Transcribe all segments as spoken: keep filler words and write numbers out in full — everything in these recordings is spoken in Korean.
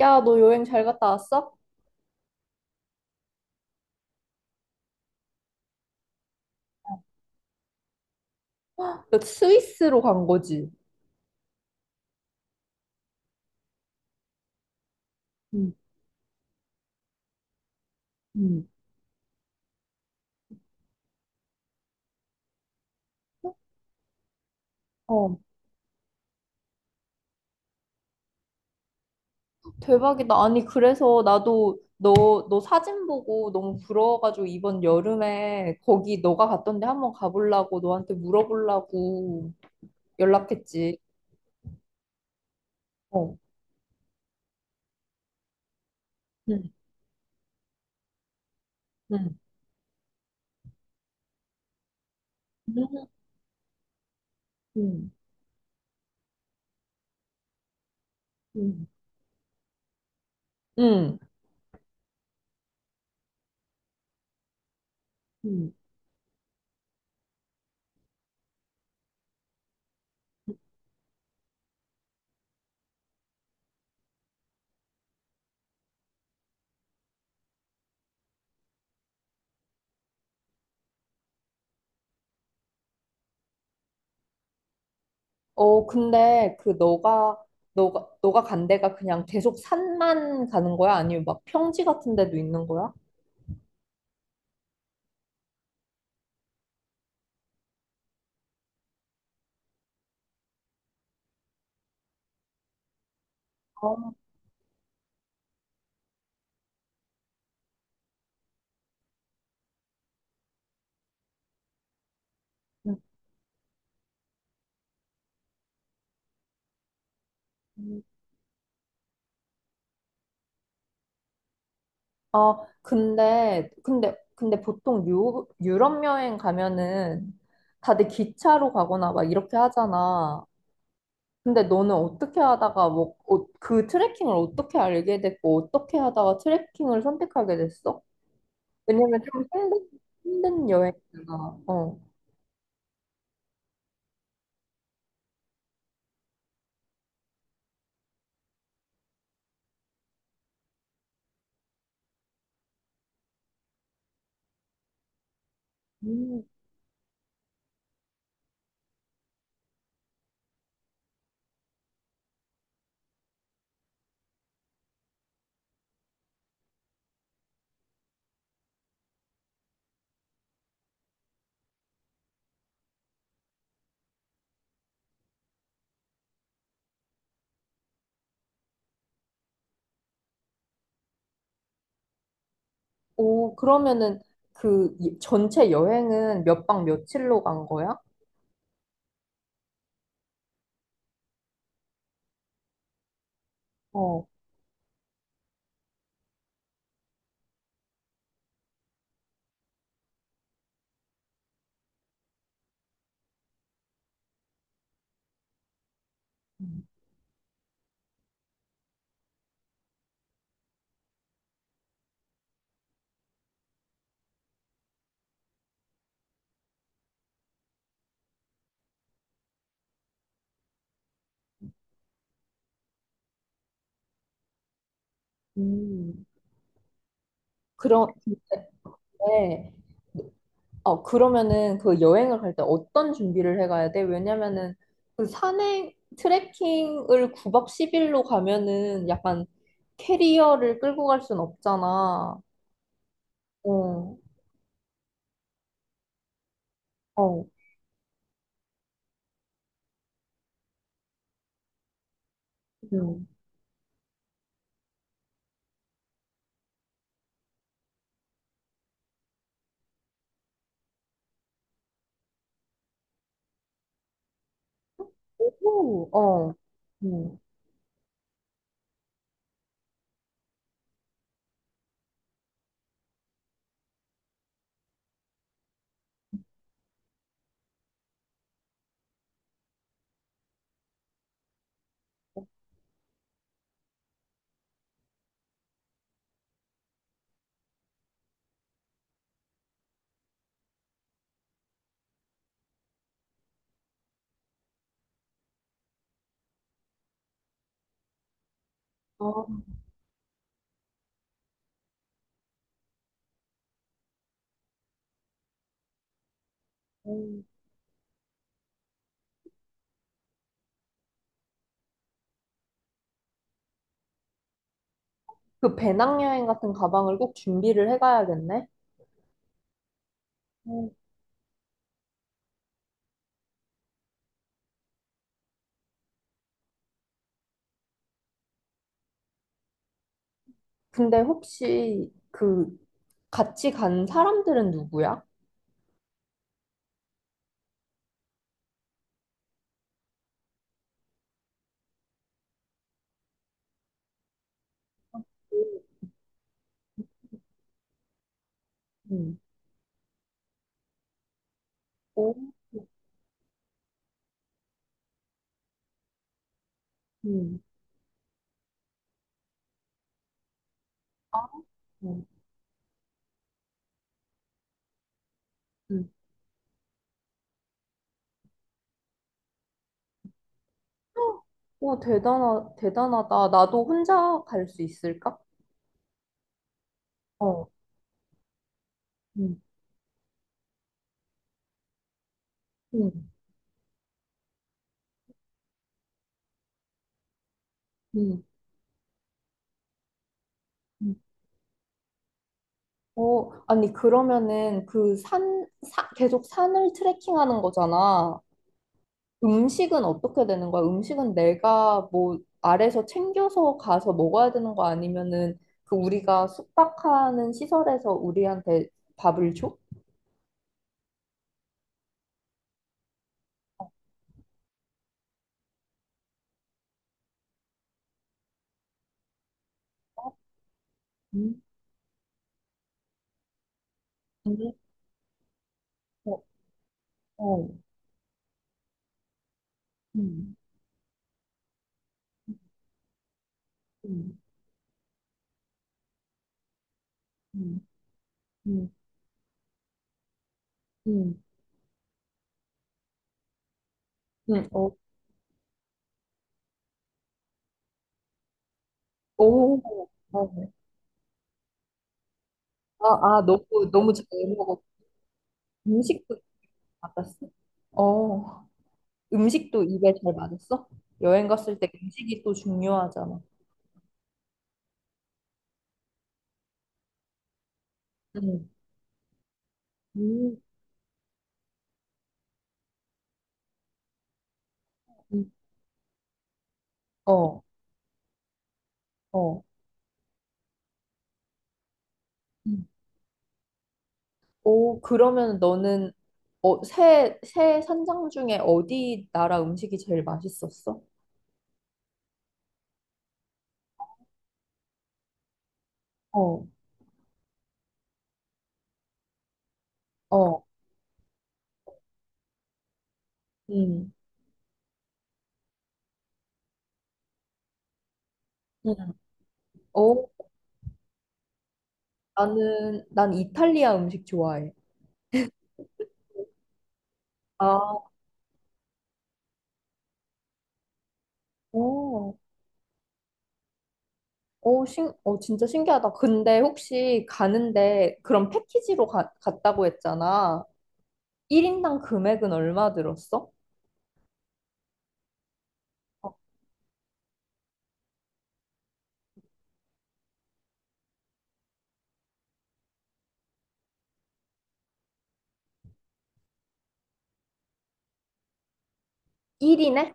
야, 너 여행 잘 갔다 왔어? 헉, 너 스위스로 간 거지? 응. 응. 어. 대박이다. 아니, 그래서 나도 너, 너 사진 보고 너무 부러워가지고 이번 여름에 거기 너가 갔던 데 한번 가보려고 너한테 물어보려고 연락했지. 어. 응 응. 응. 응. 응. 응. 응. 어, 근데 그 너가, 너가, 너가 간 데가 그냥 계속 산만 가는 거야? 아니면 막 평지 같은 데도 있는 거야? 어. 음. 아, 근데, 근데, 근데 보통 유, 유럽 여행 가면은 다들 기차로 가거나 막 이렇게 하잖아. 근데 너는 어떻게 하다가 뭐, 어, 그 트레킹을 어떻게 알게 됐고, 어떻게 하다가 트레킹을 선택하게 됐어? 왜냐면 좀 힘든, 힘든 여행이잖아. 어. 음. 오, 그러면은 그 이- 전체 여행은 몇 박 며칠로 간 거야? 어. 음. 그런, 근데, 어, 그러면은 그 여행을 갈 때 어떤 준비를 해가야 돼? 왜냐면은 그 산행, 트레킹을 구 박 십 일로 가면은 약간 캐리어를 끌고 갈 순 없잖아. 어. 어. 음. 오. 어. 음. 아. 음. 그 배낭여행 같은 가방을 꼭 준비를 해가야겠네. 음. 근데 혹시 그 같이 간 사람들은 누구야? 음. 음. 오. 음. 아. 음. 오, 대단하, 대단하다. 나도 혼자 갈 수 있을까? 어. 음. 음. 음. 음. 어, 아니, 그러면은 그 산, 사, 계속 산을 트레킹하는 거잖아. 음식은 어떻게 되는 거야? 음식은 내가 뭐 아래서 챙겨서 가서 먹어야 되는 거 아니면은 그 우리가 숙박하는 시설에서 우리한테 밥을 줘? 음. 음. 어. 어. 음. 음. 음. 음. 음. 음. 오. 어. 아, 아, 너무, 너무 잘 먹어. 었 음식도 잘 맞았어? 어, 음식도 입에 잘 맞았어? 여행 갔을 때 음식이 또 중요하잖아. 응. 음. 음. 어. 어. 음. 오, 그러면 너는 어, 새, 새 산장 중에 어디 나라 음식이 제일 맛있었어? 어. 어. 음. 음. 어, 나는, 난 이탈리아 음식 좋아해. 아. 어. 오, 신, 어, 진짜 신기하다. 근데 혹시 가는데 그런 패키지로 가, 갔다고 했잖아. 일 인당 금액은 얼마 들었어? 어. 일 인에?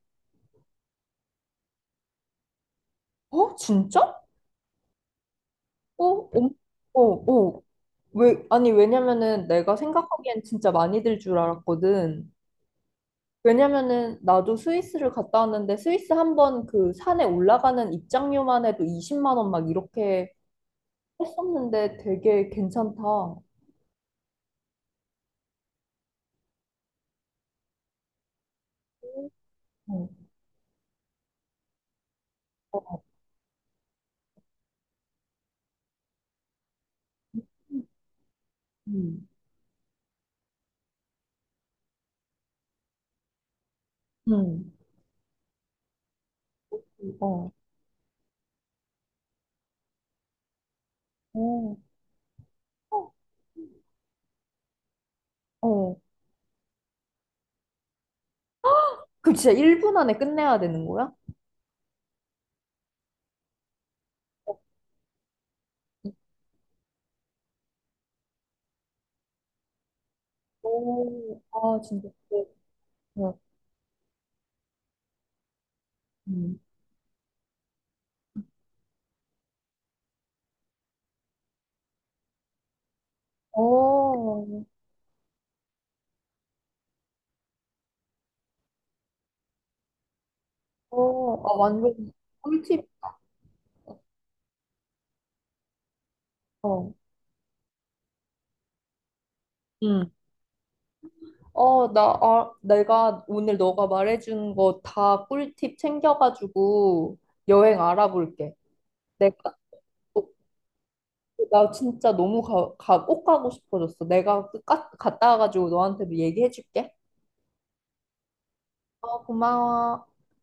어, 진짜? 어. 어. 어. 어. 왜, 아니, 왜냐면은 내가 생각하기엔 진짜 많이 들 줄 알았거든. 왜냐면은 나도 스위스를 갔다 왔는데 스위스 한 번 그 산에 올라가는 입장료만 해도 이십만 원 막 이렇게 했었는데 되게 괜찮다. 어. 어. 음. 음. 어. 오. 어. 어. 그럼 진짜 일 분 안에 끝내야 되는 거야? 오, 아, 진짜. 네. 네. 음. 오. 오, 아, 완전 꿀팁. 어. 음. 어, 나, 아, 내가 오늘 너가 말해준 거 다 꿀팁 챙겨가지고 여행 알아볼게. 내가, 어, 나 진짜 너무 가, 가, 꼭 가고 싶어졌어. 내가 까, 갔다 와가지고 너한테도 얘기해줄게. 어, 고마워.